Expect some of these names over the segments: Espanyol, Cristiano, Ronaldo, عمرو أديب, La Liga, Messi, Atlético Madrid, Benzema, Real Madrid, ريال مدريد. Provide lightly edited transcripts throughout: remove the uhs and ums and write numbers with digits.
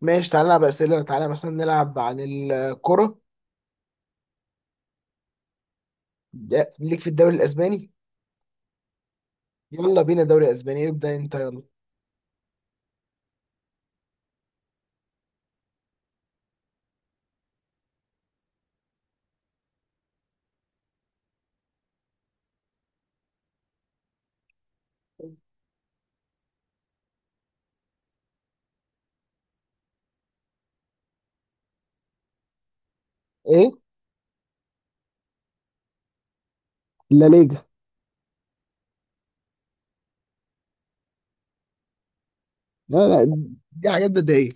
ماشي، تعالى نلعب أسئلة. تعالى مثلا نلعب عن الكرة. ليك في الدوري الأسباني. يلا بينا دوري أسباني، ابدأ أنت يلا. إيه؟ لا، ليجا. لا لا، دي حاجات بدائية.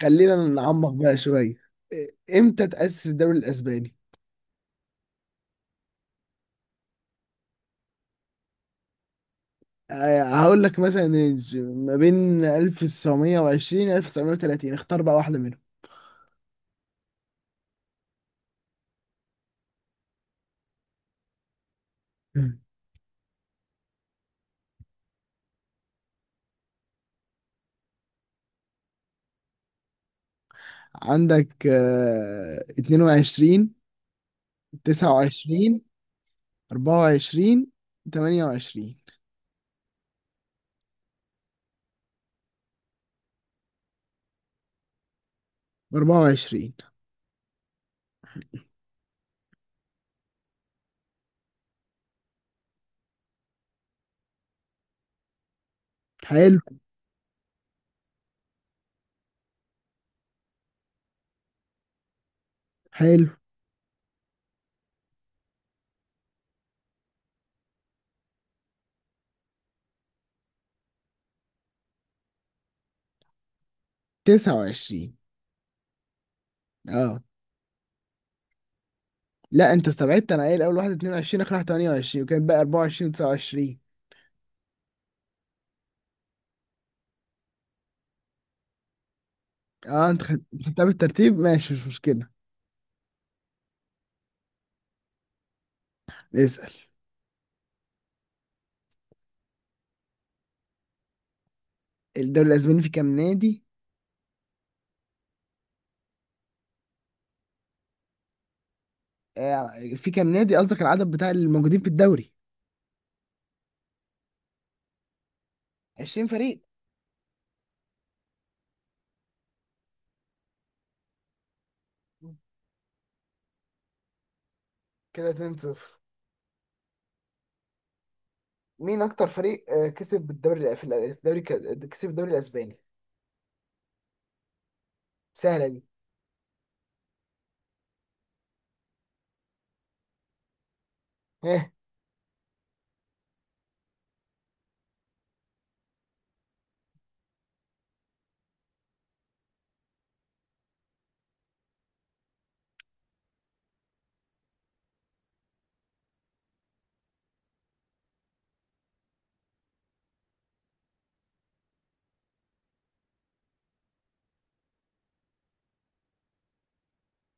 خلينا نعمق بقى شوية. إيه، إمتى تأسس الدوري الأسباني؟ هقول لك مثلا ما بين 1920 و 1930، اختار بقى واحدة منهم. مم. عندك 22، 29، 24، 28. و24. حلو. حلو. 29. اه. لا، انت استبعدت، انا قايل اول واحد 22، اخر واحد 28، وكان بقى 24، 29. اه، انت خدتها بالترتيب، ماشي، مش مشكلة. اسأل. الدوري الاسباني في كام نادي؟ في كام نادي، قصدك العدد بتاع الموجودين في الدوري؟ 20 فريق. كده 2-0. مين اكتر فريق كسب بالدوري الدوري كسب الدوري الاسباني؟ سهلة دي. ها.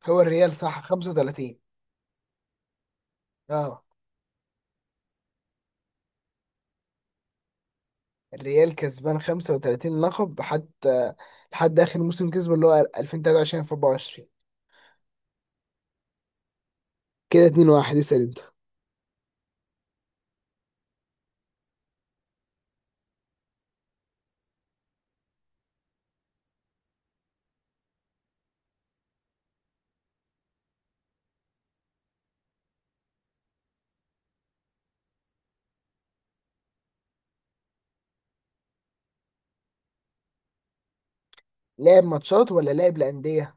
هو الريال صح، 35. اه، الريال كسبان 35 لقب حتى، لحد اخر موسم كسبه اللي هو 2023 في 24. كده 2-1، اسال انت. لعب ماتشات ولا لعب لأندية؟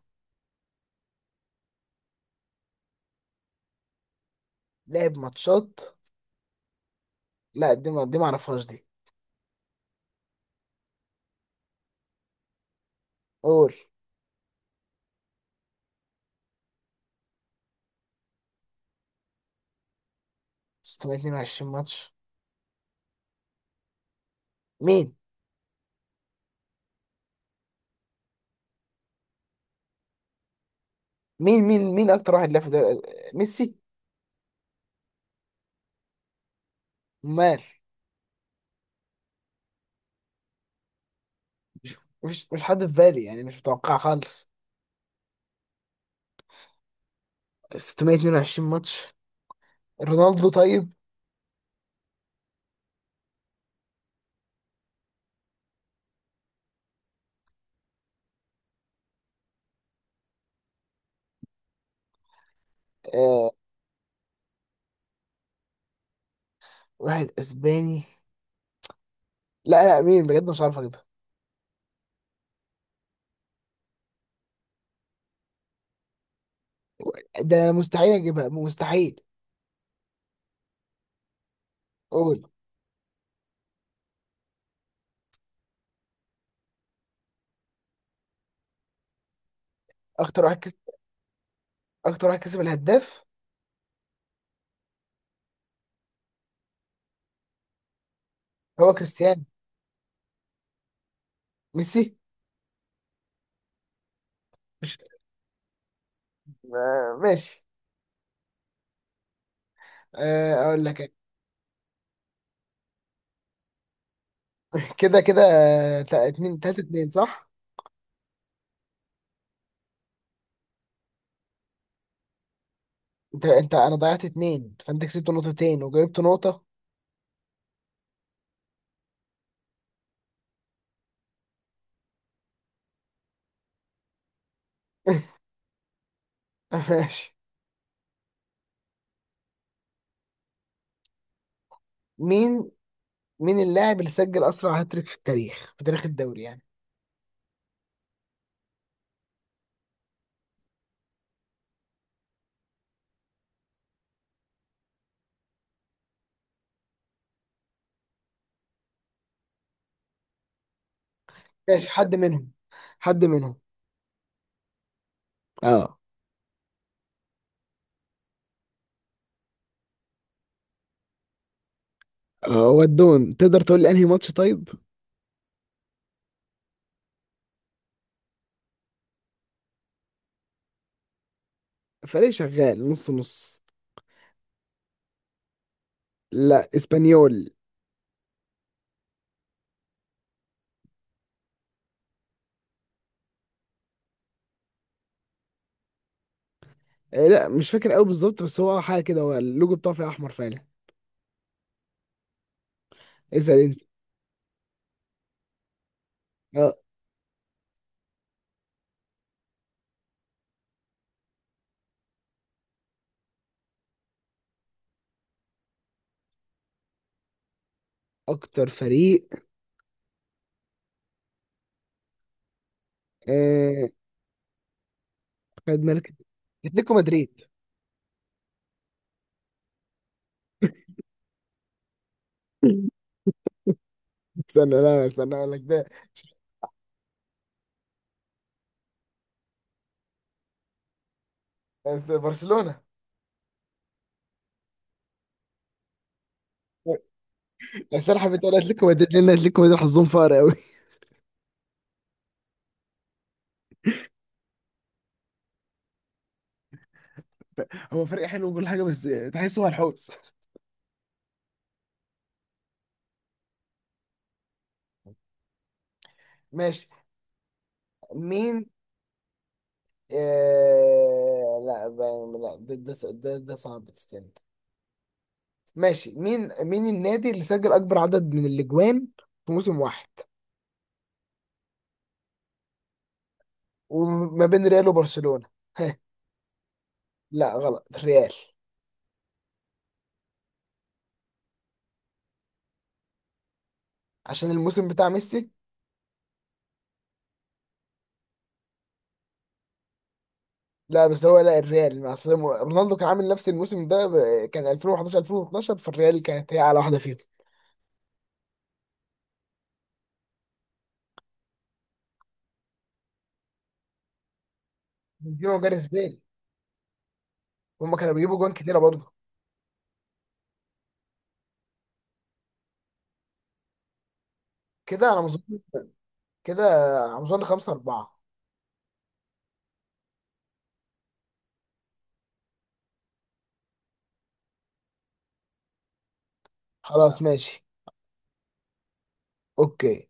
لعب ماتشات. لا، دي ما اعرفهاش دي. قول. 622 ماتش؟ مين مين اكتر واحد لعب في دوري. ميسي. مال. مش مش حد في بالي، يعني مش متوقع خالص. 622 ماتش. رونالدو طيب. آه. واحد اسباني. لا لا، مين بجد، مش عارف. ده انا مستحيل اجيبها، مستحيل. قول. اكتر واحد كسب. اكتر واحد كسب الهداف. هو كريستيانو. ميسي. مش آه، ماشي. آه، اقول لك أنا. كده كده، اتنين تلاتة، اتنين صح. انت انا ضيعت اتنين، فانت كسبت نقطتين وجايبت نقطة. ماشي. مين. مين اللاعب اللي سجل اسرع هاتريك في التاريخ، في تاريخ الدوري يعني. ماشي، حد منهم. حد منهم. اه. ودهم تقدر تقول لي انهي ماتش طيب. فريق شغال نص نص. لا، اسبانيول. لا، مش فاكر قوي بالظبط، بس هو حاجه كده، هو اللوجو بتاعه فيه احمر فعلا. اسال انت. آه، اكتر فريق آه، خد مركز. اتلتيكو مدريد. استنى، لا لا، استنى اقول لك ده. بس برشلونه. بس انا حبيت اقول اتلتيكو مدريد لان اتلتيكو مدريد حظهم فقر قوي. هو فريق حلو وكل حاجه، بس تحسه هو الحوس. ماشي. مين. آه... لا، ده صعب، تستنى. ماشي، مين. مين النادي اللي سجل اكبر عدد من الاجوان في موسم واحد، وما بين ريال وبرشلونة؟ لا غلط، الريال. عشان الموسم بتاع ميسي. لا بس هو، لا الريال مع أصل رونالدو كان عامل نفس الموسم ده، كان 2011، 2012، فالريال كانت هي على واحده فيهم. بنزيما وجاريث بيل، هما كانوا بيجيبوا جوان كتيره برضه. كده على ما اظن. كده على ما اظن 5 4. خلاص ماشي. اوكي.